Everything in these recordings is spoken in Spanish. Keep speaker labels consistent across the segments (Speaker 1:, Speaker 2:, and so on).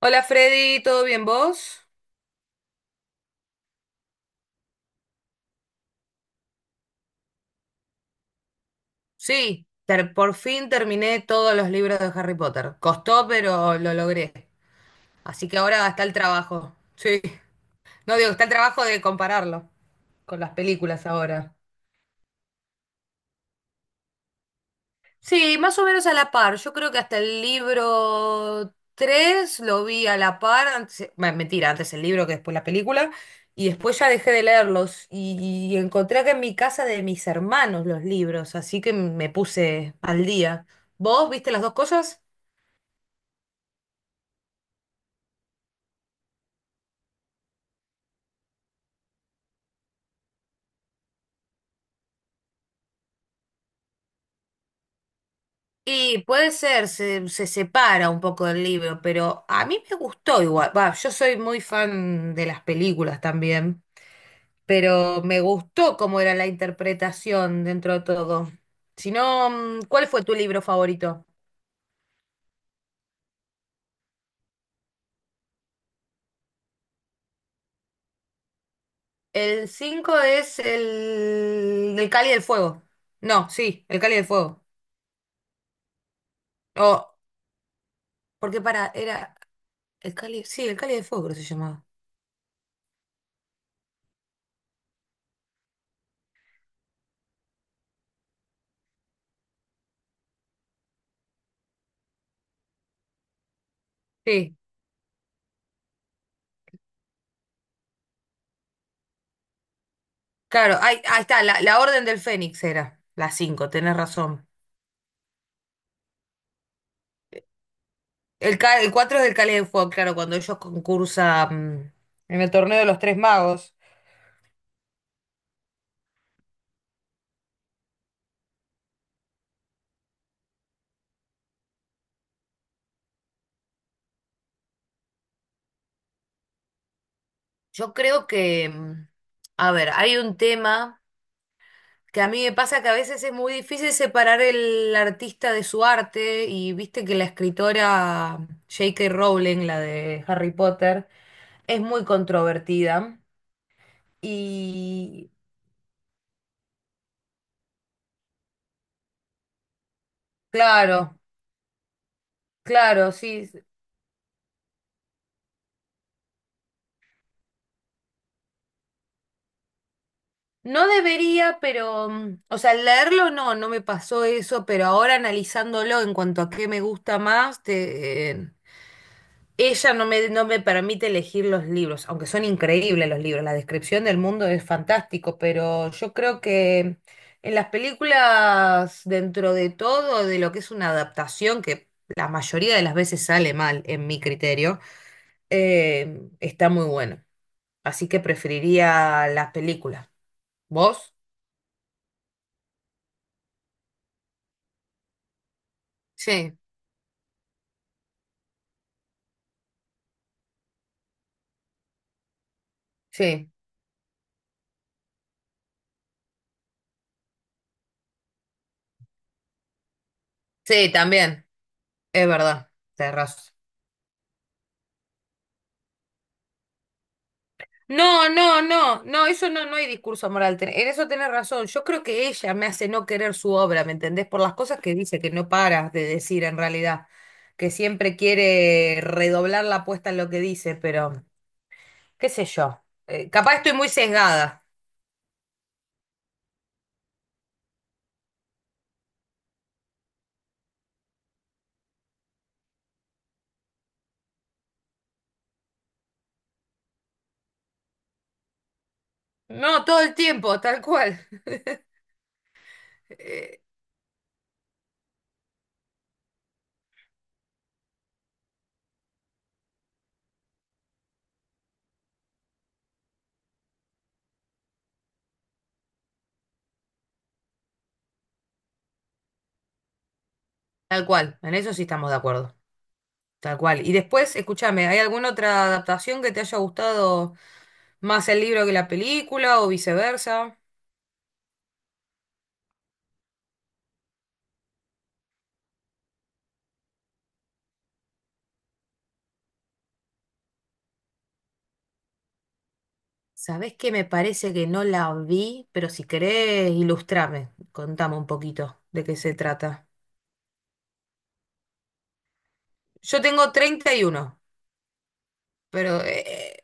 Speaker 1: Hola Freddy, ¿todo bien vos? Por fin terminé todos los libros de Harry Potter. Costó, pero lo logré. Así que ahora está el trabajo. Sí. No digo, está el trabajo de compararlo con las películas ahora. Sí, más o menos a la par. Yo creo que hasta el libro 3 lo vi a la par. Antes, bueno, mentira, antes el libro que después la película. Y después ya dejé de leerlos. Y encontré acá en mi casa de mis hermanos los libros. Así que me puse al día. ¿Vos viste las dos cosas? Y puede ser, se separa un poco del libro, pero a mí me gustó igual. Va, yo soy muy fan de las películas también, pero me gustó cómo era la interpretación dentro de todo. Si no, ¿cuál fue tu libro favorito? El 5 es el Cali del Fuego. No, sí, el Cali del Fuego. O, porque para, era el Cali, sí, el Cali del Fuego creo que se llamaba. Sí. Claro, ahí está, la Orden del Fénix era la 5. Tenés razón. El 4 es del Cáliz de Fuego, claro, cuando ellos concursan en el torneo de los Tres Magos. Yo creo que, a ver, hay un tema que a mí me pasa que a veces es muy difícil separar el artista de su arte, y viste que la escritora J.K. Rowling, la de Harry Potter, es muy controvertida. Y claro, claro, sí. No debería, pero, o sea, al leerlo no, no me pasó eso, pero ahora analizándolo en cuanto a qué me gusta más, ella no me, no me permite elegir los libros, aunque son increíbles los libros, la descripción del mundo es fantástico, pero yo creo que en las películas, dentro de todo, de lo que es una adaptación, que la mayoría de las veces sale mal, en mi criterio, está muy bueno. Así que preferiría las películas. ¿Vos? Sí. Sí, sí, también, es verdad, tenés razón. No, no, no, no, eso no, no hay discurso moral. En eso tenés razón. Yo creo que ella me hace no querer su obra, ¿me entendés? Por las cosas que dice, que no paras de decir en realidad, que siempre quiere redoblar la apuesta en lo que dice, pero qué sé yo. Capaz estoy muy sesgada. No, todo el tiempo, tal cual. Eh, Tal cual, en eso sí estamos de acuerdo, tal cual. Y después, escúchame, ¿hay alguna otra adaptación que te haya gustado más el libro que la película o viceversa? ¿Sabés que me parece que no la vi? Pero si querés, ilustrame, contame un poquito de qué se trata. Yo tengo treinta y uno, pero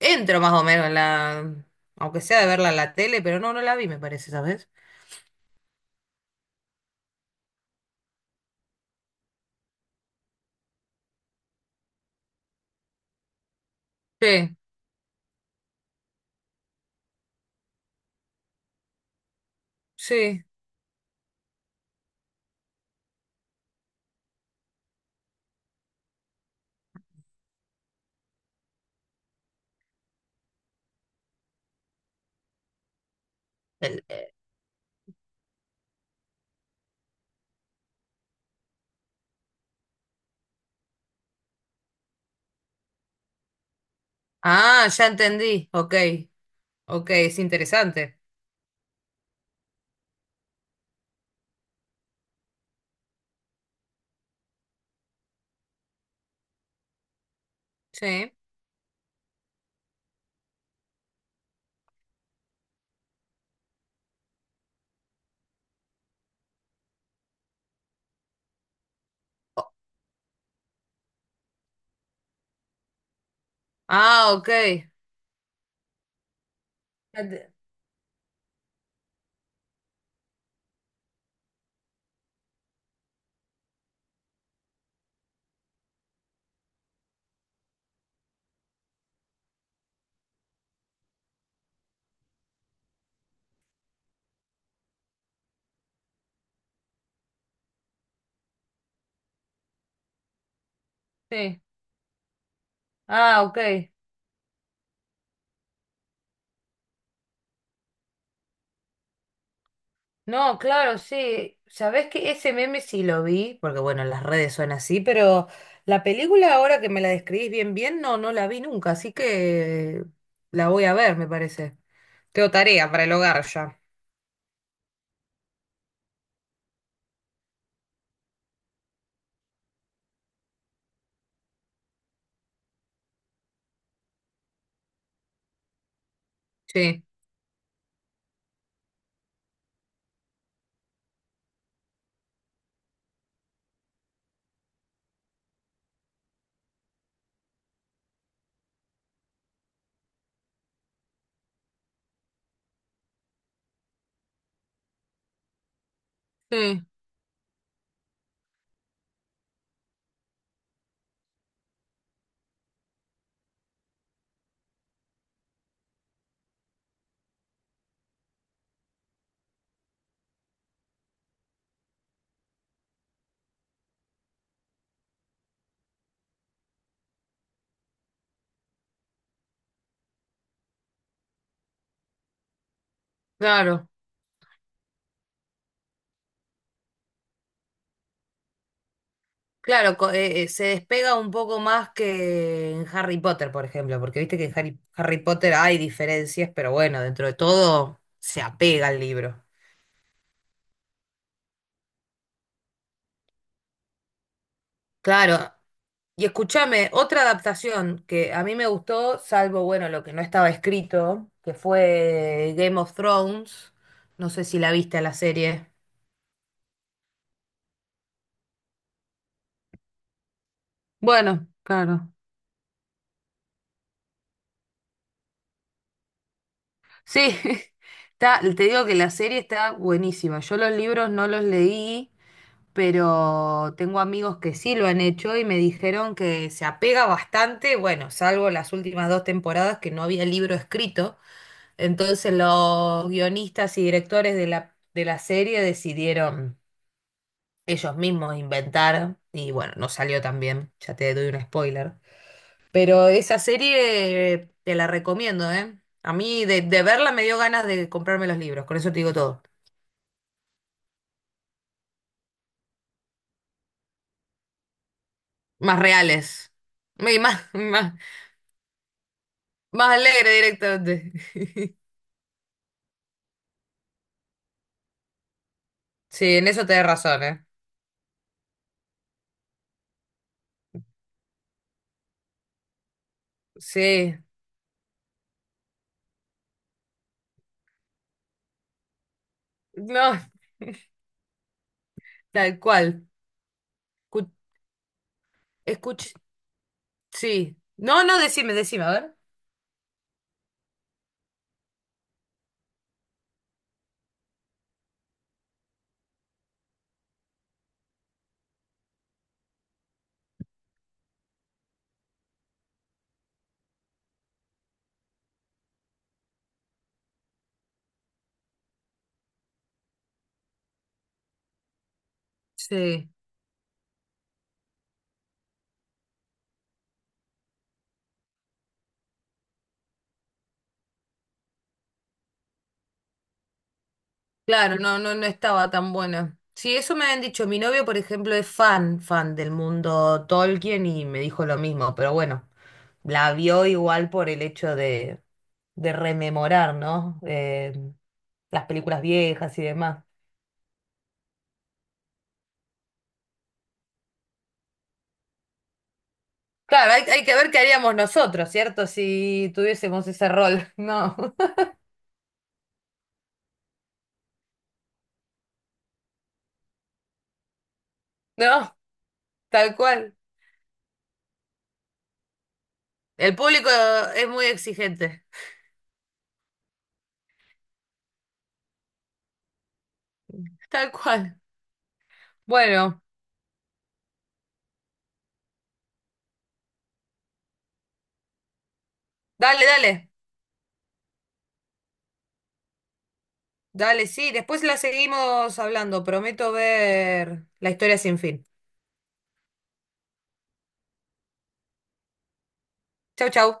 Speaker 1: entro más o menos en la... Aunque sea de verla en la tele, pero no, no la vi, me parece, ¿sabes? Sí, sí. El- eh, ah, ya entendí. Ok, ok, es interesante. Sí. O... Ah, ok. Ya te... Sí. Ah, ok. No, claro, sí. Sabés que ese meme sí lo vi, porque bueno, las redes son así, pero la película ahora que me la describís bien, bien, no, no la vi nunca, así que la voy a ver, me parece. Tengo tarea para el hogar ya. Sí, sí, claro. Claro, se despega un poco más que en Harry Potter, por ejemplo, porque viste que en Harry, Harry Potter hay diferencias, pero bueno, dentro de todo se apega al libro. Claro. Y escúchame, otra adaptación que a mí me gustó, salvo, bueno, lo que no estaba escrito, que fue Game of Thrones. No sé si la viste la serie. Bueno, claro. Sí, está, te digo que la serie está buenísima. Yo los libros no los leí, pero tengo amigos que sí lo han hecho y me dijeron que se apega bastante, bueno, salvo las últimas dos temporadas que no había libro escrito. Entonces los guionistas y directores de la serie decidieron ellos mismos inventar, y bueno, no salió tan bien, ya te doy un spoiler. Pero esa serie te la recomiendo, ¿eh? A mí de verla me dio ganas de comprarme los libros, con eso te digo todo. Más reales. Y más, más, más alegre directamente. Sí, en eso te das razón, ¿eh? Sí. No, tal cual. Escuch, escuch... sí. No, no, decime, decime, a ver. Sí. Claro, no, no, no estaba tan buena. Sí, eso me habían dicho. Mi novio, por ejemplo, es fan, fan del mundo Tolkien y me dijo lo mismo, pero bueno, la vio igual por el hecho de rememorar, ¿no? Las películas viejas y demás. Claro, hay que ver qué haríamos nosotros, ¿cierto? Si tuviésemos ese rol. No, no, tal cual. El público es muy exigente. Tal cual. Bueno, dale, dale. Dale, sí, después la seguimos hablando. Prometo ver la historia sin fin. Chau, chau.